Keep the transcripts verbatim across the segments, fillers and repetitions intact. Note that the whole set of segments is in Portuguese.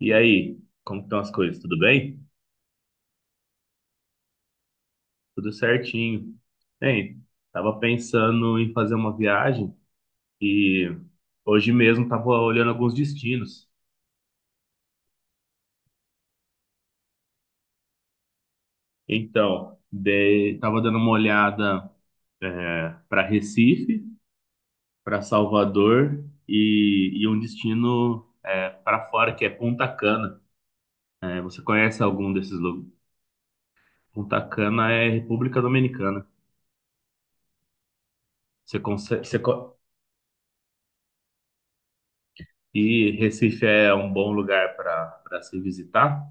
E aí, como estão as coisas? Tudo bem? Tudo certinho. Bem, tava pensando em fazer uma viagem e hoje mesmo tava olhando alguns destinos. Então, de, tava dando uma olhada, é, para Recife, para Salvador e, e um destino, é, para fora, que é Punta Cana. É, você conhece algum desses lugares? Punta Cana é República Dominicana. Você consegue? E Recife é um bom lugar para para se visitar?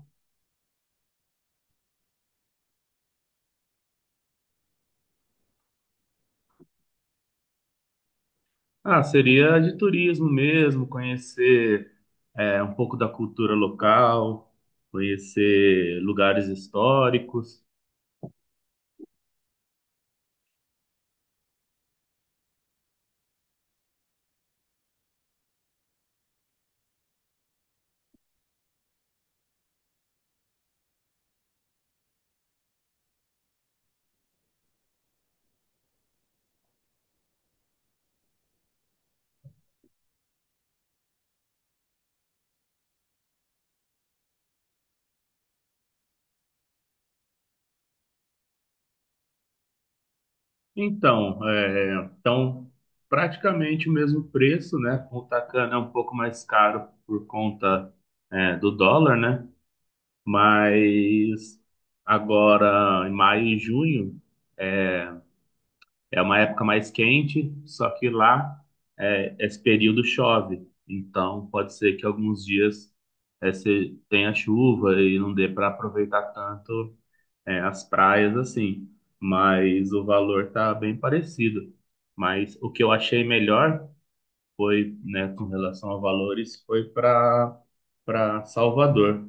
Ah, seria de turismo mesmo, conhecer, é, um pouco da cultura local, conhecer lugares históricos. Então, é, então praticamente o mesmo preço, né? O Tacana é um pouco mais caro por conta, é, do dólar, né? Mas agora, em maio e junho, é, é uma época mais quente, só que lá, é, esse período chove. Então, pode ser que alguns dias, é, se tenha chuva e não dê para aproveitar tanto, é, as praias assim. Mas o valor tá bem parecido. Mas o que eu achei melhor foi, né, com relação a valores, foi para para Salvador,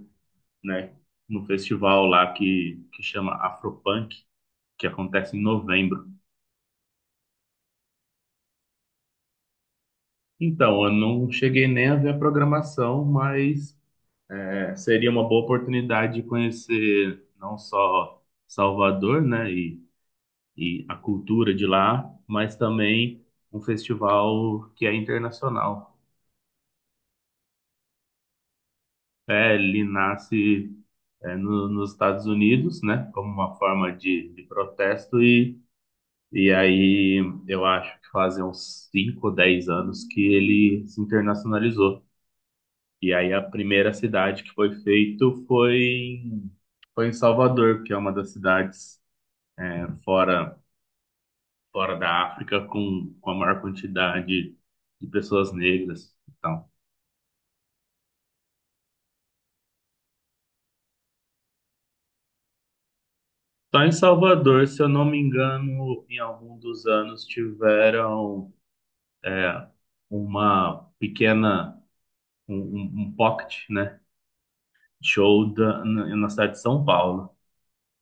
né? No festival lá que, que chama Afropunk, que acontece em novembro. Então, eu não cheguei nem a ver a programação, mas, é, seria uma boa oportunidade de conhecer não só Salvador, né, e, e a cultura de lá, mas também um festival que é internacional. É, ele nasce, é, no- nos Estados Unidos, né, como uma forma de, de protesto, e, e aí eu acho que fazem uns cinco, ou dez anos que ele se internacionalizou. E aí a primeira cidade que foi feito foi em, foi em Salvador, que é uma das cidades, é, fora fora da África com, com a maior quantidade de pessoas negras. Então, só em Salvador, se eu não me engano, em algum dos anos tiveram, é, uma pequena, um, um um pocket, né, show da, na, na cidade de São Paulo,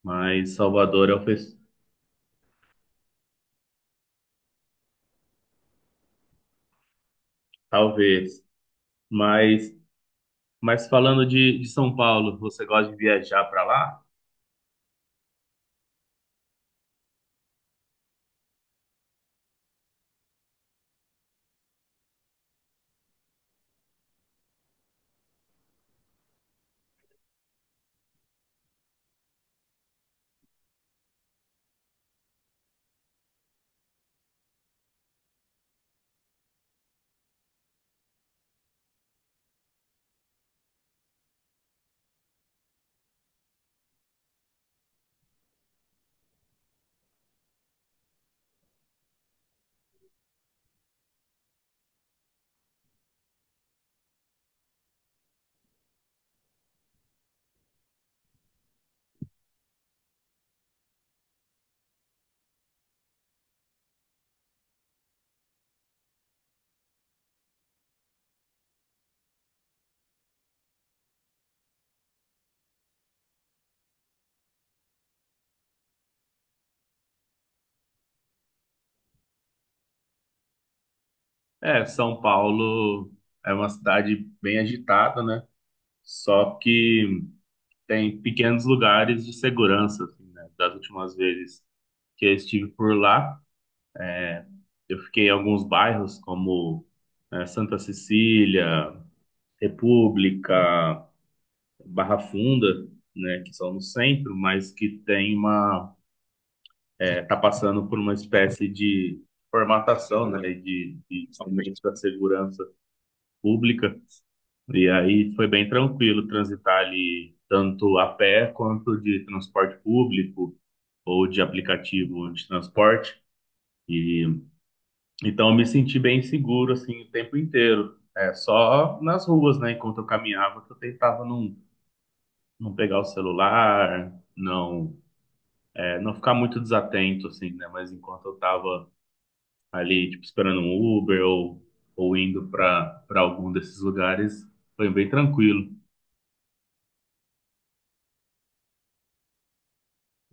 mas Salvador é o fes- talvez, mas Mas falando de, de São Paulo, você gosta de viajar para lá? É, São Paulo é uma cidade bem agitada, né? Só que tem pequenos lugares de segurança, assim, né? Das últimas vezes que eu estive por lá, eu fiquei em alguns bairros como, eh, Santa Cecília, República, Barra Funda, né? Que são no centro, mas que tem uma, está passando por uma espécie de formatação, né, de, de aumentos da segurança pública, e aí foi bem tranquilo transitar ali tanto a pé quanto de transporte público ou de aplicativo de transporte, e então eu me senti bem seguro, assim, o tempo inteiro, é, só nas ruas, né, enquanto eu caminhava, que eu tentava não, não pegar o celular, não, é, não ficar muito desatento, assim, né, mas enquanto eu estava ali, tipo, esperando um Uber ou, ou indo para para algum desses lugares, foi bem tranquilo.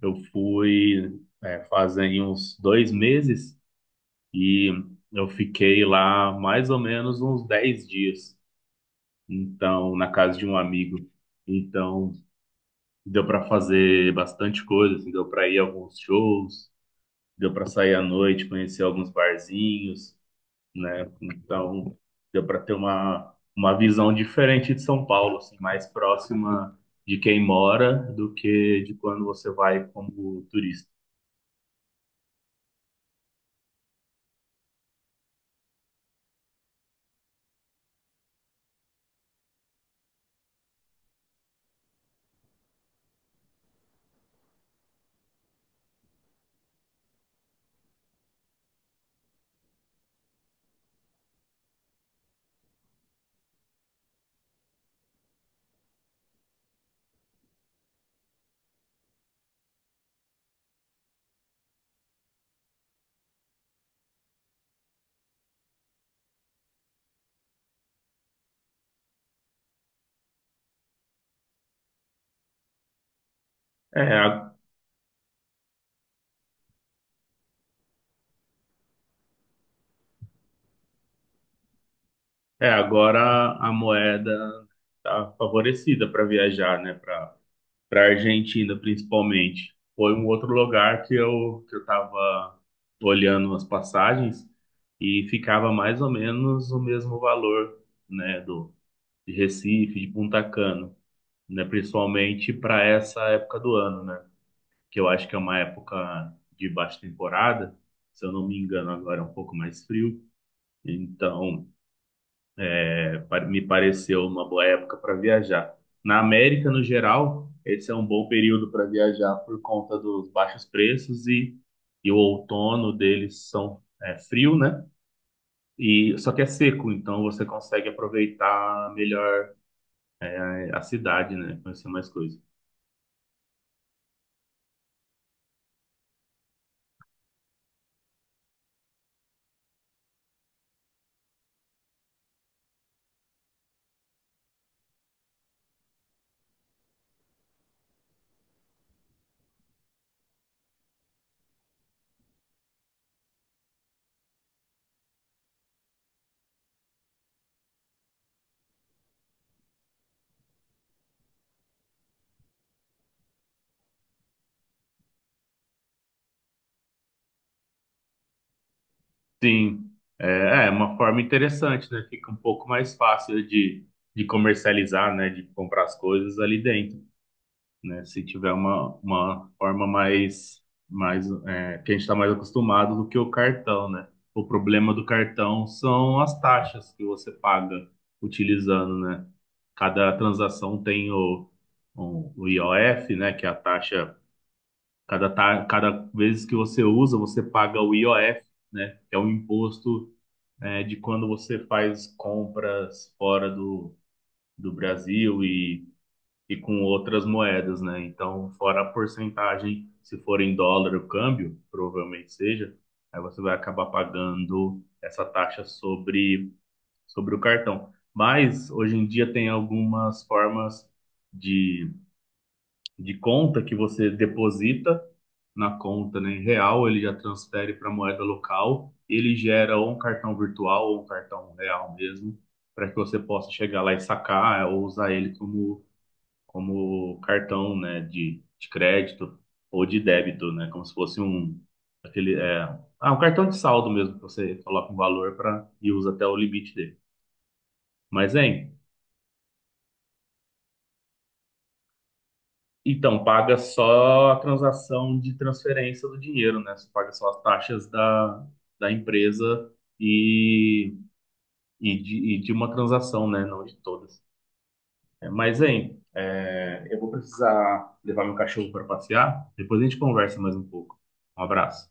Eu fui, é, fazem uns dois meses e eu fiquei lá mais ou menos uns dez dias, então, na casa de um amigo. Então, deu para fazer bastante coisa, assim, deu para ir a alguns shows, deu para sair à noite, conhecer alguns barzinhos, né? Então, deu para ter uma, uma visão diferente de São Paulo, assim, mais próxima de quem mora do que de quando você vai como turista. É, a- é agora a moeda está favorecida para viajar, né? Para para Argentina, principalmente. Foi um outro lugar que eu que eu estava olhando as passagens e ficava mais ou menos o mesmo valor, né? Do de Recife, de Punta Cana. Né? Principalmente para essa época do ano, né? Que eu acho que é uma época de baixa temporada, se eu não me engano, agora é um pouco mais frio. Então, é, pa- me pareceu uma boa época para viajar. Na América, no geral, esse é um bom período para viajar por conta dos baixos preços e, e o outono deles são, é, frio, né? E só que é seco, então você consegue aproveitar melhor, é, a cidade, né? Conhecer mais coisas. Sim, é, é é uma forma interessante, né? Fica um pouco mais fácil de, de comercializar, né? De comprar as coisas ali dentro, né? Se tiver uma, uma forma mais, mais é, que a gente está mais acostumado do que o cartão, né? O problema do cartão são as taxas que você paga utilizando, né? Cada transação tem o, o, o I O F, né? Que é a taxa, cada, ta, cada vez que você usa, você paga o I O F, né? Que é um imposto, é, de quando você faz compras fora do, do Brasil e, e com outras moedas, né? Então, fora a porcentagem, se for em dólar o câmbio, provavelmente seja, aí você vai acabar pagando essa taxa sobre, sobre o cartão. Mas hoje em dia tem algumas formas de de conta que você deposita na conta, né, em real, ele já transfere para moeda local, ele gera ou um cartão virtual ou um cartão real mesmo, para que você possa chegar lá e sacar, é, ou usar ele como, como cartão, né, de, de crédito ou de débito, né, como se fosse um aquele é, ah, um cartão de saldo mesmo, que você coloca um valor para e usa até o limite dele. Mas, hein, então, paga só a transação de transferência do dinheiro, né? Você paga só as taxas da, da empresa e, e, de, e de uma transação, né? Não de todas. É, mas, hein, é, eu vou precisar levar meu cachorro para passear. Depois a gente conversa mais um pouco. Um abraço.